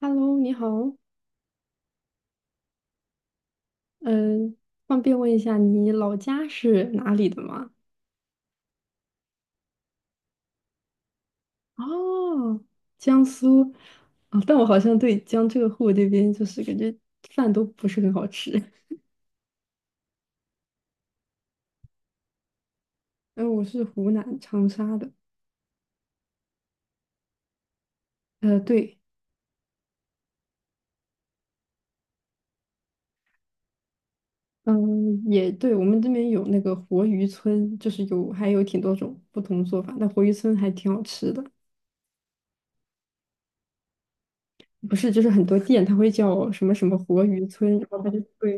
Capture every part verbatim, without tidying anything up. Hello,你好。嗯，方便问一下你老家是哪里的吗？哦，江苏，啊，但我好像对江浙沪这边就是感觉饭都不是很好吃。嗯，我是湖南长沙的。呃，对。嗯，也对，我们这边有那个活鱼村，就是有还有挺多种不同做法，但活鱼村还挺好吃的。不是，就是很多店它会叫什么什么活鱼村，然后它就会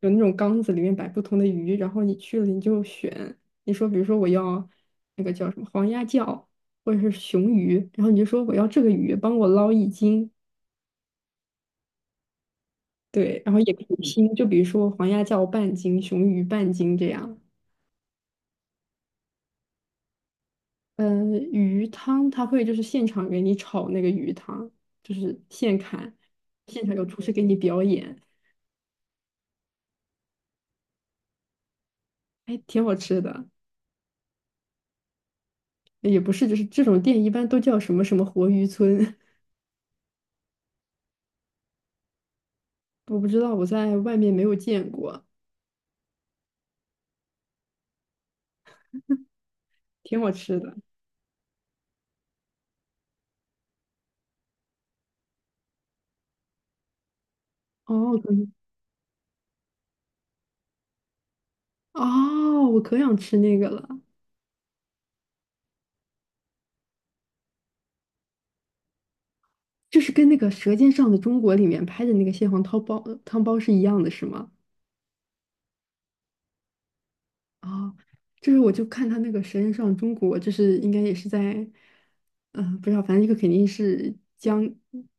有那种缸子里面摆不同的鱼，然后你去了你就选，你说比如说我要那个叫什么黄鸭叫或者是雄鱼，然后你就说我要这个鱼，帮我捞一斤。对，然后也可以拼，就比如说黄鸭叫半斤，雄鱼半斤这样。嗯，鱼汤它会就是现场给你炒那个鱼汤，就是现砍，现场有厨师给你表演，还挺好吃的。也不是，就是这种店一般都叫什么什么活鱼村。我不知道，我在外面没有见过，挺好吃的。哦，可能哦，我可想吃那个了。就是跟那个《舌尖上的中国》里面拍的那个蟹黄汤包汤包是一样的，是吗？哦，就是我就看他那个《舌尖上的中国》，就是应该也是在，嗯、不知道，反正一个肯定是江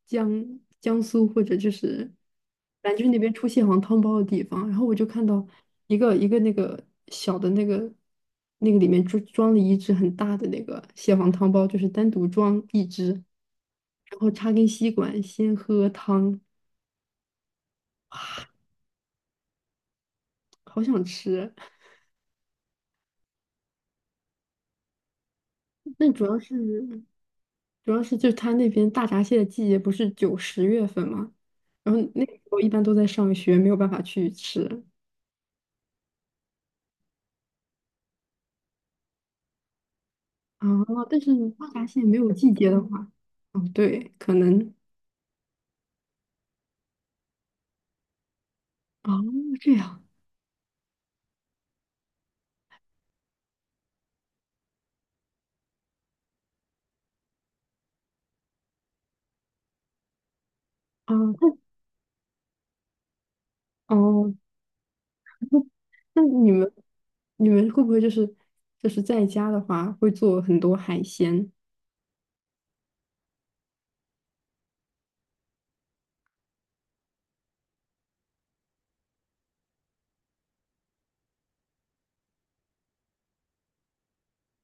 江江苏或者就是反正就是那边出蟹黄汤包的地方。然后我就看到一个一个那个小的那个那个里面装装了一只很大的那个蟹黄汤包，就是单独装一只，然后插根吸管先喝汤。好想吃。但主要是主要是就他那边大闸蟹的季节不是九十月份嘛，然后那个时候一般都在上学，没有办法去吃啊。但是大闸蟹没有季节的话，哦，对，可能。哦这样啊，那哦，那那你们你们会不会就是就是在家的话会做很多海鲜。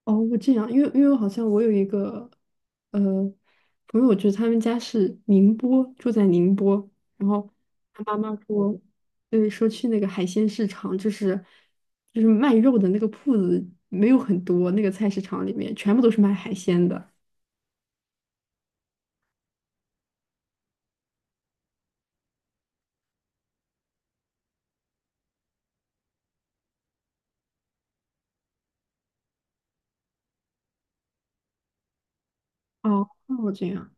哦，这样，因为因为好像我有一个呃朋友，就是他们家是宁波，住在宁波，然后他妈妈说，对，说去那个海鲜市场，就是就是卖肉的那个铺子没有很多，那个菜市场里面全部都是卖海鲜的。哦，哦，这样。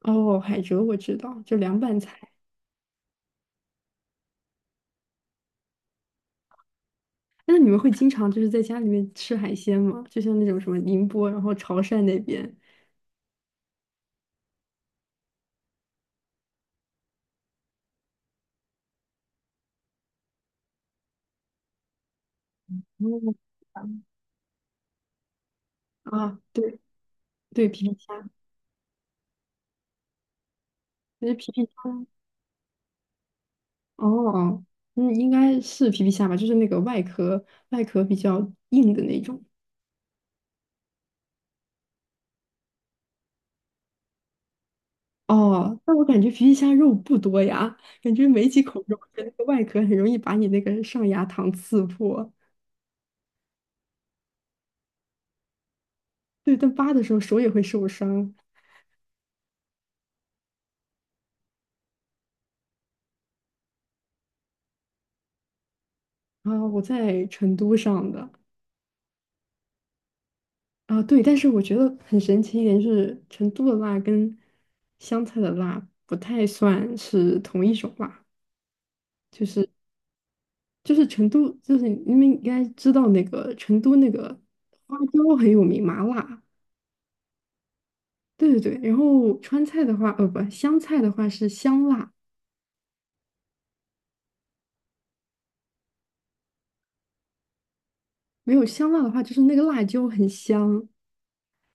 哦，海蜇我知道，就凉拌菜。那你们会经常就是在家里面吃海鲜吗？就像那种什么宁波，然后潮汕那边。哦，啊，对对，皮皮虾。那实皮皮虾哦，嗯，应该是皮皮虾吧，就是那个外壳外壳比较硬的那种。哦，但我感觉皮皮虾肉不多呀，感觉没几口肉，而且那个外壳很容易把你那个上牙膛刺破。对，但扒的时候手也会受伤。啊，我在成都上的。啊，对，但是我觉得很神奇一点就是，成都的辣跟湘菜的辣不太算是同一种辣。就是。就是成都，就是你们应该知道那个成都那个花椒很有名，麻辣。对对对，然后川菜的话，呃，不，湘菜的话是香辣，没有香辣的话就是那个辣椒很香。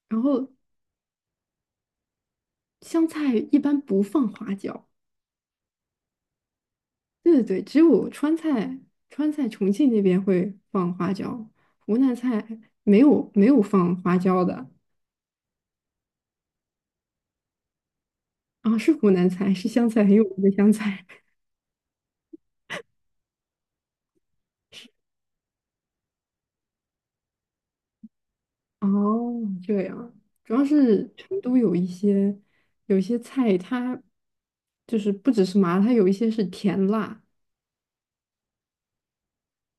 然后湘菜一般不放花椒，对对对，只有川菜，川菜重庆那边会放花椒，湖南菜没有没有放花椒的。啊，是湖南菜，是湘菜，很有名的湘菜。哦，这样，主要是成都有一些有一些菜，它就是不只是麻，它有一些是甜辣。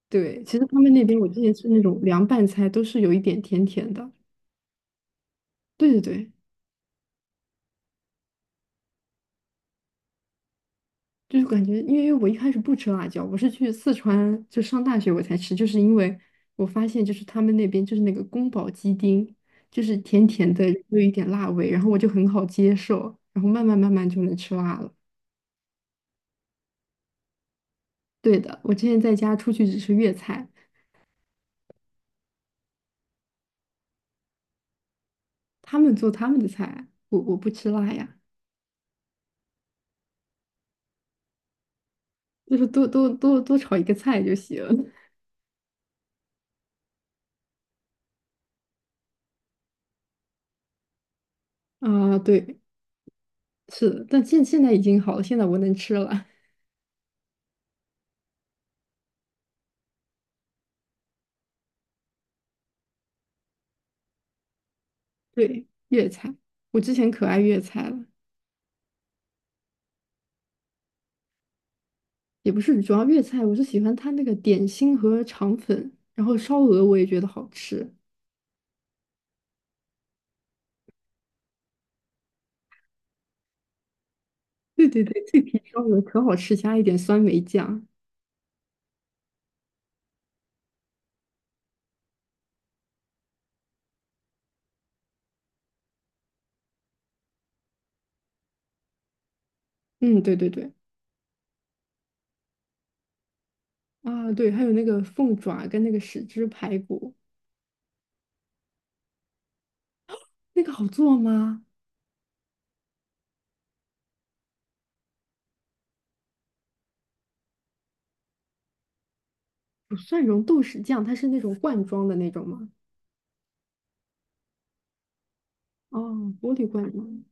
对，其实他们那边我之前吃那种凉拌菜，都是有一点甜甜的。对对对，就是感觉，因为我一开始不吃辣椒，我是去四川就上大学我才吃，就是因为我发现就是他们那边就是那个宫保鸡丁，就是甜甜的，又有一点辣味，然后我就很好接受，然后慢慢慢慢就能吃辣了。对的，我之前在家出去只吃粤菜，他们做他们的菜，我我不吃辣呀，就是多多多多炒一个菜就行。啊，对，是的，但现现在已经好了，现在我能吃了。对，粤菜，我之前可爱粤菜了，也不是主要粤菜，我是喜欢它那个点心和肠粉，然后烧鹅我也觉得好吃。对对对，脆皮烧鹅可好吃，加一点酸梅酱。嗯，对对对，啊对，还有那个凤爪跟那个豉汁排骨。那个好做吗？有蒜蓉豆豉酱，它是那种罐装的那种吗？哦，玻璃罐装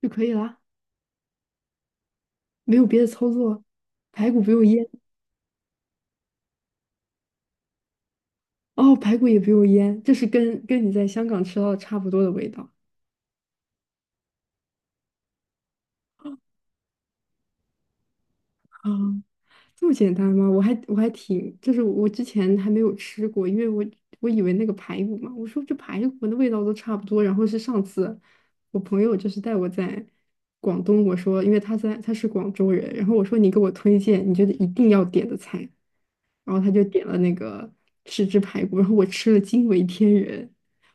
就可以啦，没有别的操作。排骨不用腌，哦，排骨也不用腌，这是跟跟你在香港吃到的差不多的味道。啊，这么简单吗？我还我还挺，就是我之前还没有吃过，因为我我以为那个排骨嘛，我说这排骨的味道都差不多。然后是上次我朋友就是带我在广东，我说因为他在他是广州人，然后我说你给我推荐你觉得一定要点的菜，然后他就点了那个豉汁排骨，然后我吃了惊为天人，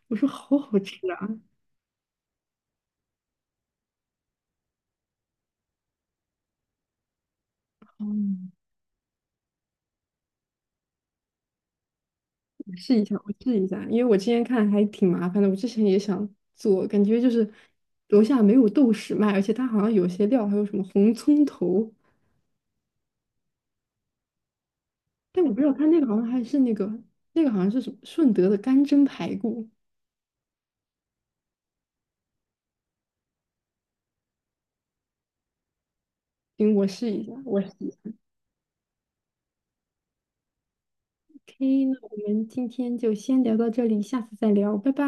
我说好好吃啊！嗯，我试一下，我试一下，因为我之前看还挺麻烦的，我之前也想做，感觉就是楼下没有豆豉卖，而且它好像有些料还有什么红葱头，但我不知道它那个好像还是那个那个好像是什么顺德的干蒸排骨，行，我试一下，我 OK,那我们今天就先聊到这里，下次再聊，拜拜。